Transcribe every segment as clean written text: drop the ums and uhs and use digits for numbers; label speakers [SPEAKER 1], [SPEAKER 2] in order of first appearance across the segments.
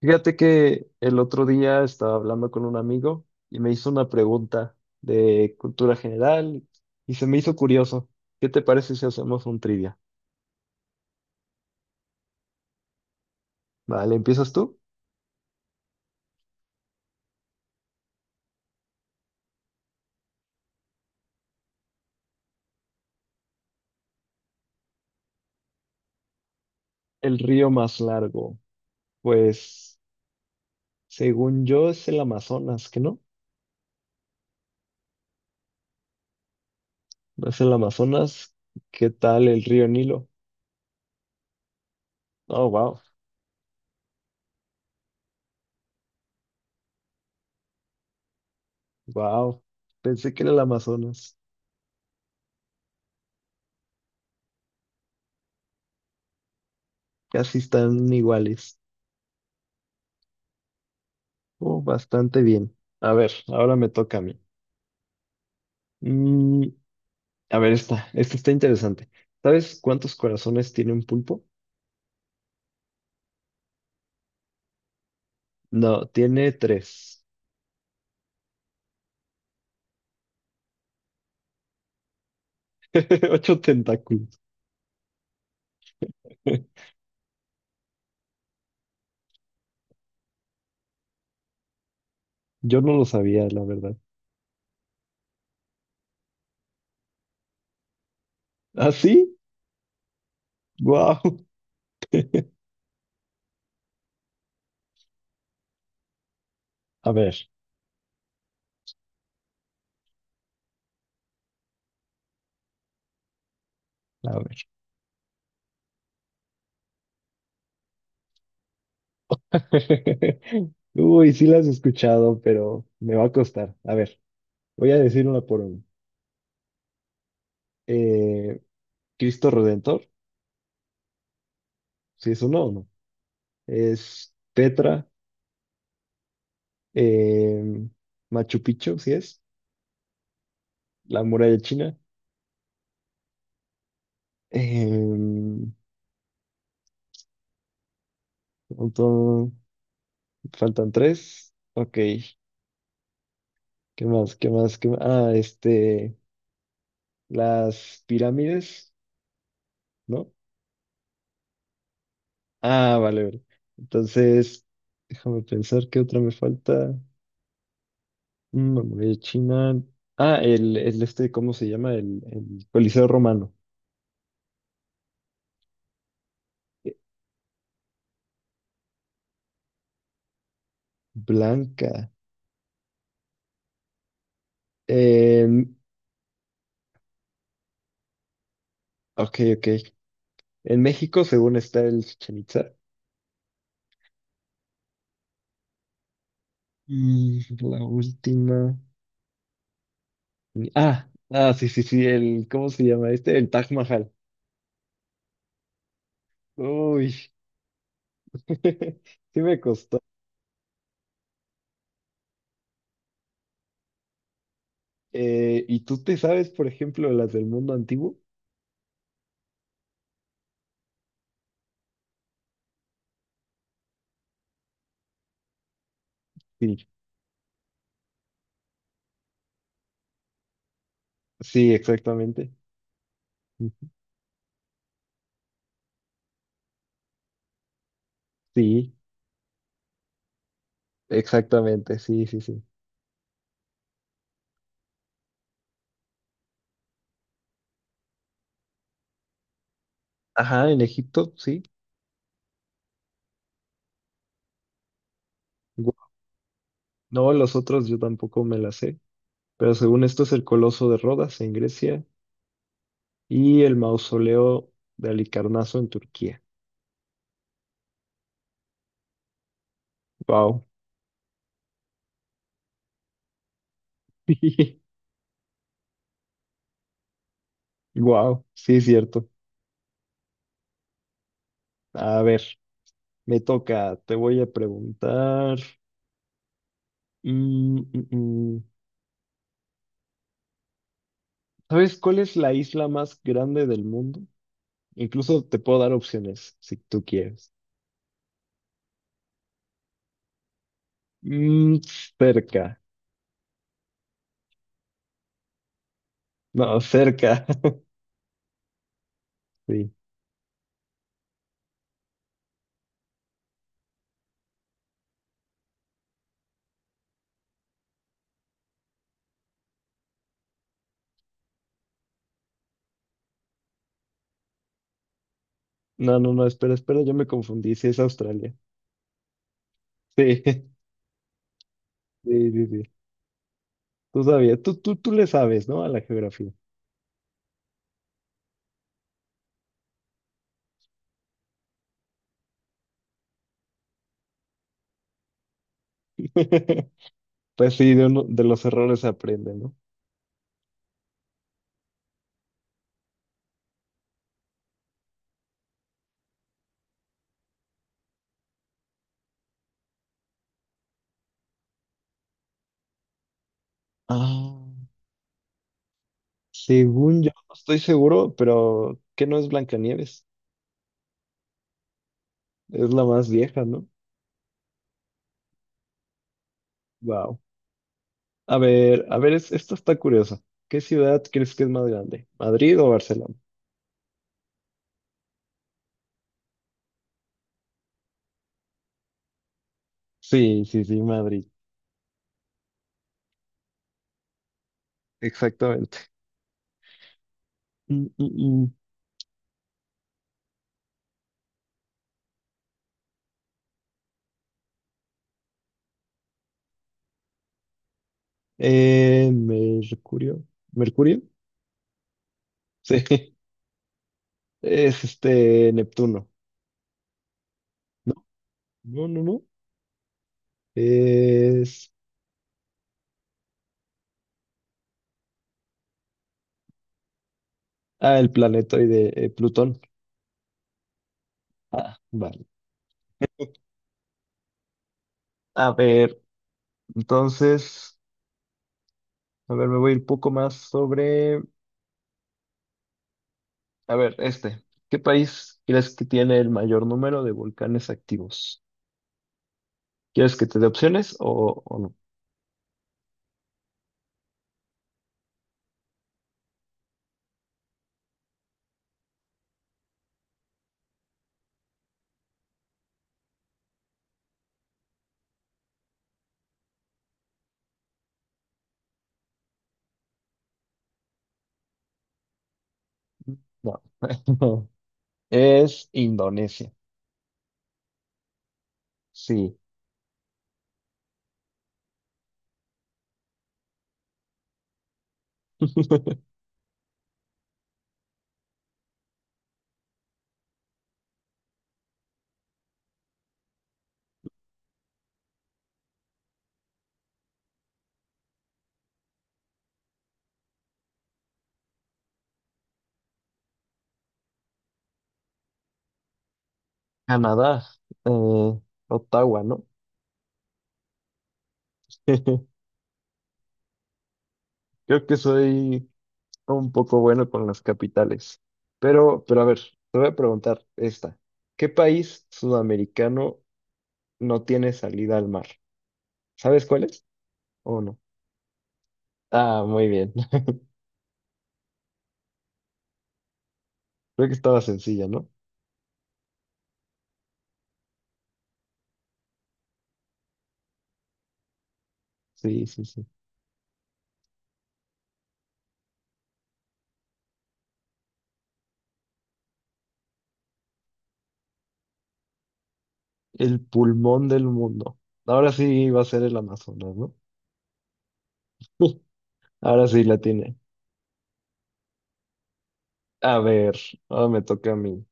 [SPEAKER 1] Fíjate que el otro día estaba hablando con un amigo y me hizo una pregunta de cultura general y se me hizo curioso. ¿Qué te parece si hacemos un trivia? Vale, ¿empiezas tú? El río más largo. Pues, según yo, es el Amazonas, ¿qué no? ¿No es el Amazonas? ¿Qué tal el río Nilo? Oh, wow, wow. Pensé que era el Amazonas. Casi están iguales. Oh, bastante bien. A ver, ahora me toca a mí. Mm, A ver, esta está interesante. ¿Sabes cuántos corazones tiene un pulpo? No, tiene tres. Ocho tentáculos. Yo no lo sabía, la verdad. ¿Ah, sí? ¡Guau! A ver, a ver. Uy, sí las he escuchado, pero me va a costar. A ver, voy a decir una por una. Eh, Cristo Redentor, sí es uno o no. Es Petra, em, Machu Picchu, sí es. La muralla china. Eh, Faltan tres. Ok. ¿Qué más? ¿Qué más? ¿Qué más? Ah, este. Las pirámides, ¿no? Ah, vale, vale. Entonces, déjame pensar qué otra me falta. Memoria de China. Ah, el este, ¿cómo se llama? El Coliseo Romano. Eh, Blanca. En- ok, ok. En México, según está el Chichén Itzá. Y la última. Ah, ah, sí, sí, sí. El, ¿cómo se llama este? El Taj Mahal. Uy. Sí me costó. ¿Y tú te sabes, por ejemplo, las del mundo antiguo? Sí, sí, exactamente. Sí, exactamente, sí, sí, sí. Ajá, en Egipto, sí. Gu- No, los otros yo tampoco me las sé, pero según esto es el Coloso de Rodas en Grecia y el mausoleo de Halicarnaso en Turquía. Wow. Wow, sí es cierto. A ver, me toca, te voy a preguntar. Mm, mm, mm. ¿Sabes cuál es la isla más grande del mundo? Incluso te puedo dar opciones si tú quieres. Mm, Cerca. No, cerca. Sí. No, no, no, espera, espera, yo me confundí. Sí, es Australia. Sí, sí, sí, sí. Tú sabías, tú le sabes, ¿no? A la geografía. Pues sí, de los errores se aprende, ¿no? Ah, según yo, no estoy seguro, pero ¿que no es Blancanieves? Es la más vieja, ¿no? Wow. A ver, esto está curioso. ¿Qué ciudad crees que es más grande? ¿Madrid o Barcelona? Sí, sí, sí, Madrid. Exactamente. Mm, mm, mm. Mercurio. ¿Mercurio? Sí. Es este Neptuno. No, no, no, no. Es. Ah, el planetoide, Plutón. Ah, vale. A ver, entonces. A ver, me voy un poco más sobre. A ver, este. ¿Qué país crees que tiene el mayor número de volcanes activos? ¿Quieres que te dé opciones o no? No. Es Indonesia. Sí. Canadá. eh, Ottawa, ¿no? Creo que soy un poco bueno con las capitales. Pero a ver, te voy a preguntar esta. ¿Qué país sudamericano no tiene salida al mar? ¿Sabes cuál es? ¿O no? Ah, muy bien. Creo que estaba sencilla, ¿no? Sí, sí, sí. El pulmón del mundo. Ahora sí va a ser el Amazonas, ¿no? Ahora sí la tiene. A ver, ahora me toca a mí.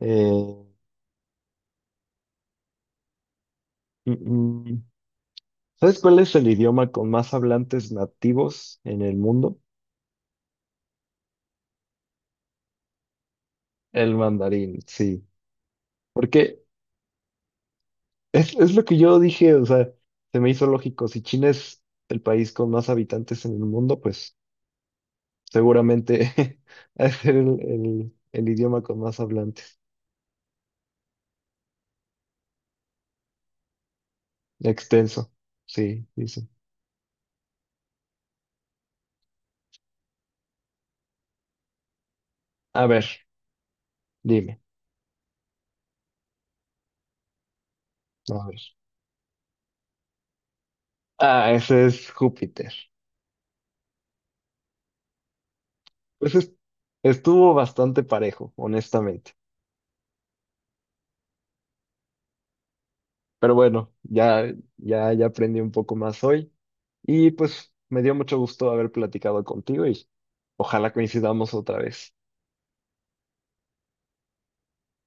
[SPEAKER 1] Eh, mm, mm. ¿Sabes cuál es el idioma con más hablantes nativos en el mundo? El mandarín, sí. Porque es lo que yo dije, o sea, se me hizo lógico. Si China es el país con más habitantes en el mundo, pues seguramente es el idioma con más hablantes. Extenso, sí, dice. A ver, dime. A ver. Ah, ese es Júpiter. Pues es- Estuvo bastante parejo, honestamente. Pero bueno, ya aprendí un poco más hoy y pues me dio mucho gusto haber platicado contigo y ojalá coincidamos otra vez.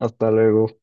[SPEAKER 1] Hasta luego.